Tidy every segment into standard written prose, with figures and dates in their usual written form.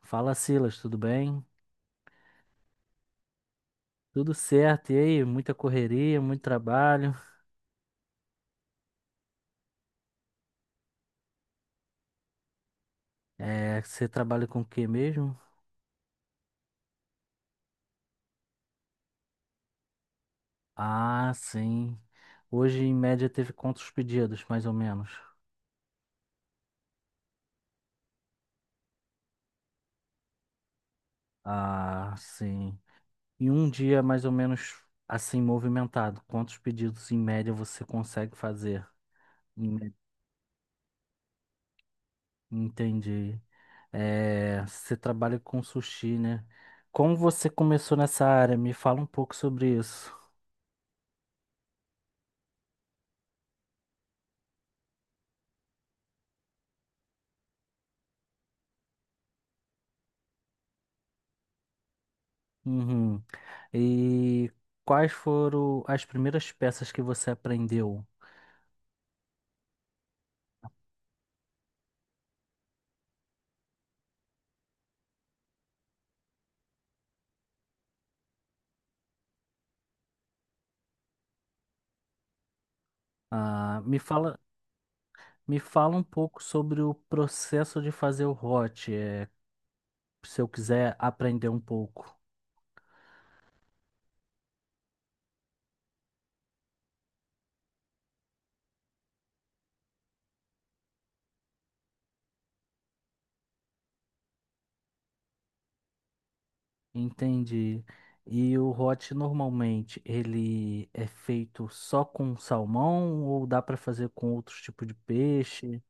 Fala, Silas, tudo bem? Tudo certo, e aí? Muita correria, muito trabalho. É, você trabalha com o que mesmo? Ah, sim. Hoje, em média, teve quantos pedidos, mais ou menos? Ah, sim. E um dia, mais ou menos, assim, movimentado, quantos pedidos, em média, você consegue fazer? Em mé- Entendi. É, você trabalha com sushi, né? Como você começou nessa área? Me fala um pouco sobre isso. Uhum. E quais foram as primeiras peças que você aprendeu? Ah, me fala um pouco sobre o processo de fazer o hot, se eu quiser aprender um pouco. Entendi. E o hot normalmente ele é feito só com salmão ou dá para fazer com outros tipos de peixe?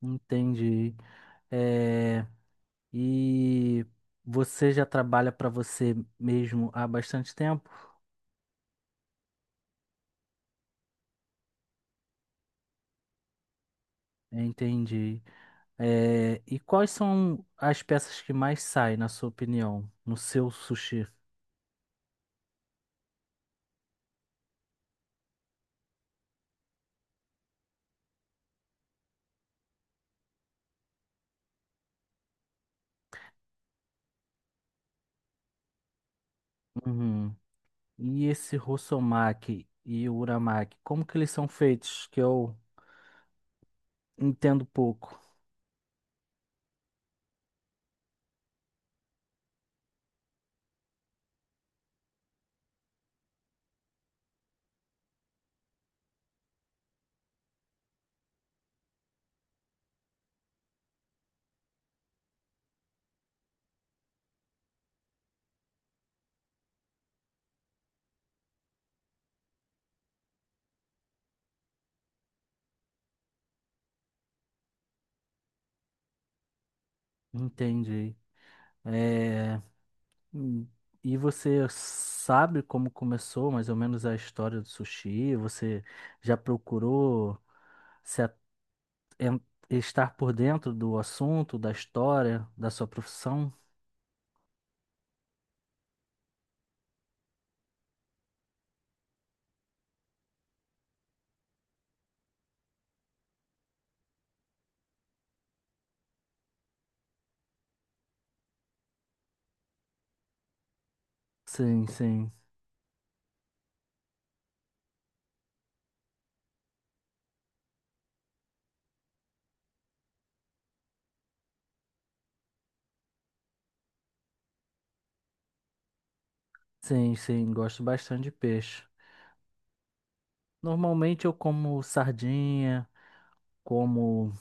Entendi. É, e você já trabalha para você mesmo há bastante tempo? Entendi. É, e quais são as peças que mais saem, na sua opinião, no seu sushi? Uhum. E esse Rossomaki e o Uramaki, como que eles são feitos? Que eu entendo pouco. Entendi. É, hum, e você sabe como começou mais ou menos a história do sushi? Você já procurou se a- en- estar por dentro do assunto, da história, da sua profissão? Sim, sim. Sim, sim, gosto bastante de peixe. Normalmente eu como sardinha, como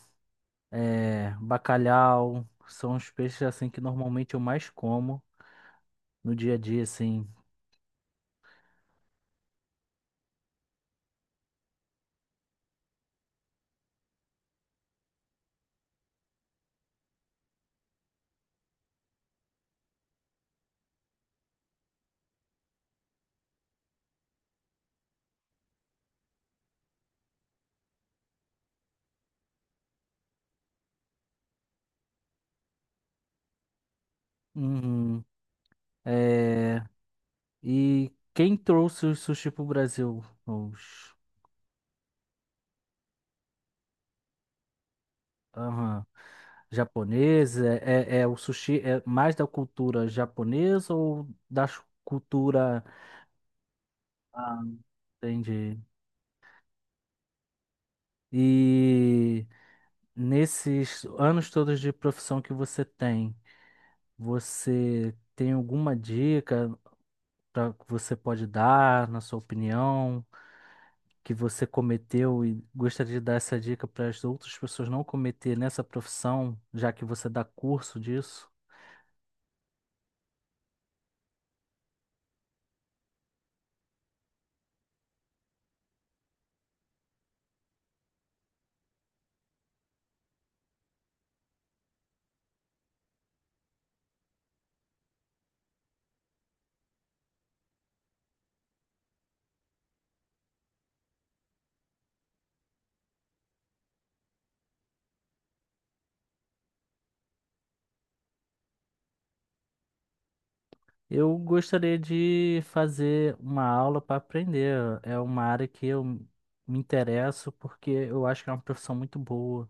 bacalhau, são os peixes assim que normalmente eu mais como no dia a dia, assim. Uhum. Eh, e quem trouxe o sushi pro Brasil? Os aham, japoneses? É, o sushi é mais da cultura japonesa ou da cultura... Ah, entendi. E... Nesses anos todos de profissão que você tem alguma dica pra, que você pode dar, na sua opinião, que você cometeu e gostaria de dar essa dica para as outras pessoas não cometer nessa profissão, já que você dá curso disso? Eu gostaria de fazer uma aula para aprender. É uma área que eu me interesso porque eu acho que é uma profissão muito boa,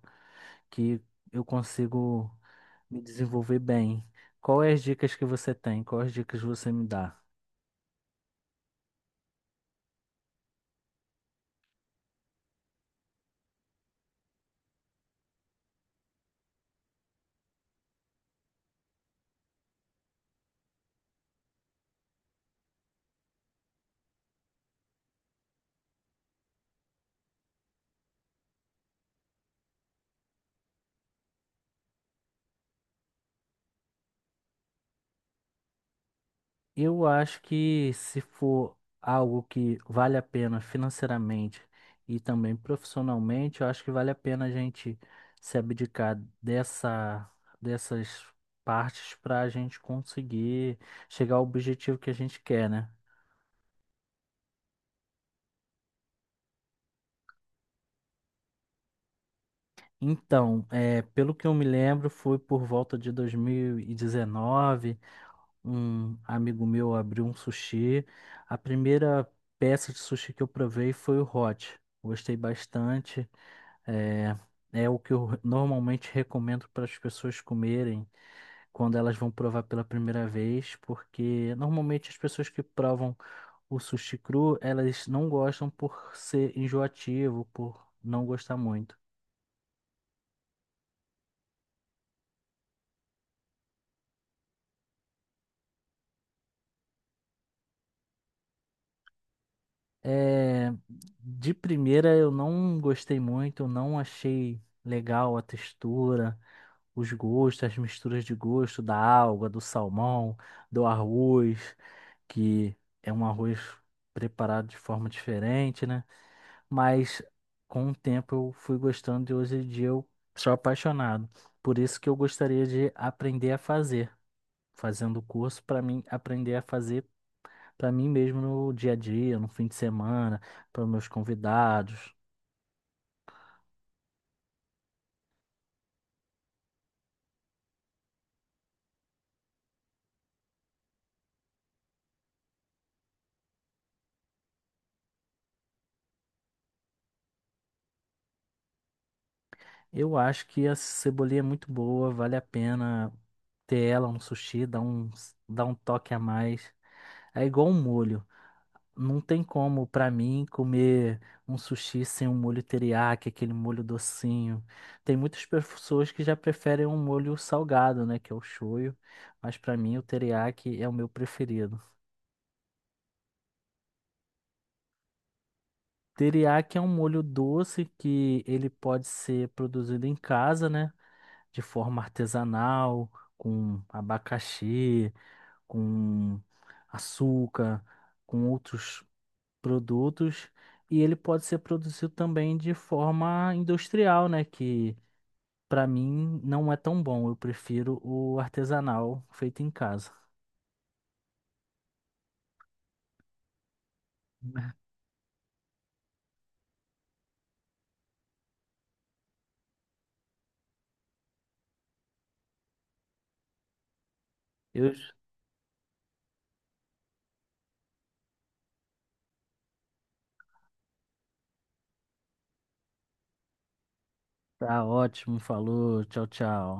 que eu consigo me desenvolver bem. Qual é as dicas que você tem? Quais as dicas você me dá? Eu acho que se for algo que vale a pena financeiramente e também profissionalmente, eu acho que vale a pena a gente se abdicar dessa, dessas partes para a gente conseguir chegar ao objetivo que a gente quer, né? Então, é, pelo que eu me lembro, foi por volta de 2019, um amigo meu abriu um sushi. A primeira peça de sushi que eu provei foi o hot. Gostei bastante. É, é o que eu normalmente recomendo para as pessoas comerem quando elas vão provar pela primeira vez, porque normalmente as pessoas que provam o sushi cru, elas não gostam, por ser enjoativo, por não gostar muito. É, de primeira eu não gostei muito, não achei legal a textura, os gostos, as misturas de gosto da alga, do salmão, do arroz, que é um arroz preparado de forma diferente, né? Mas com o tempo eu fui gostando e hoje em dia eu sou apaixonado. Por isso que eu gostaria de aprender a fazer, fazendo o curso para mim aprender a fazer para mim mesmo no dia a dia, no fim de semana, para meus convidados. Eu acho que a cebolinha é muito boa, vale a pena ter ela no sushi, dá um toque a mais. É igual um molho. Não tem como, pra mim, comer um sushi sem um molho teriyaki, aquele molho docinho. Tem muitas pessoas que já preferem um molho salgado, né, que é o shoyu, mas pra mim o teriyaki é o meu preferido. Teriyaki é um molho doce que ele pode ser produzido em casa, né, de forma artesanal, com abacaxi, com açúcar, com outros produtos, e ele pode ser produzido também de forma industrial, né? Que para mim não é tão bom. Eu prefiro o artesanal feito em casa. Eu... Tá ótimo, falou, tchau, tchau.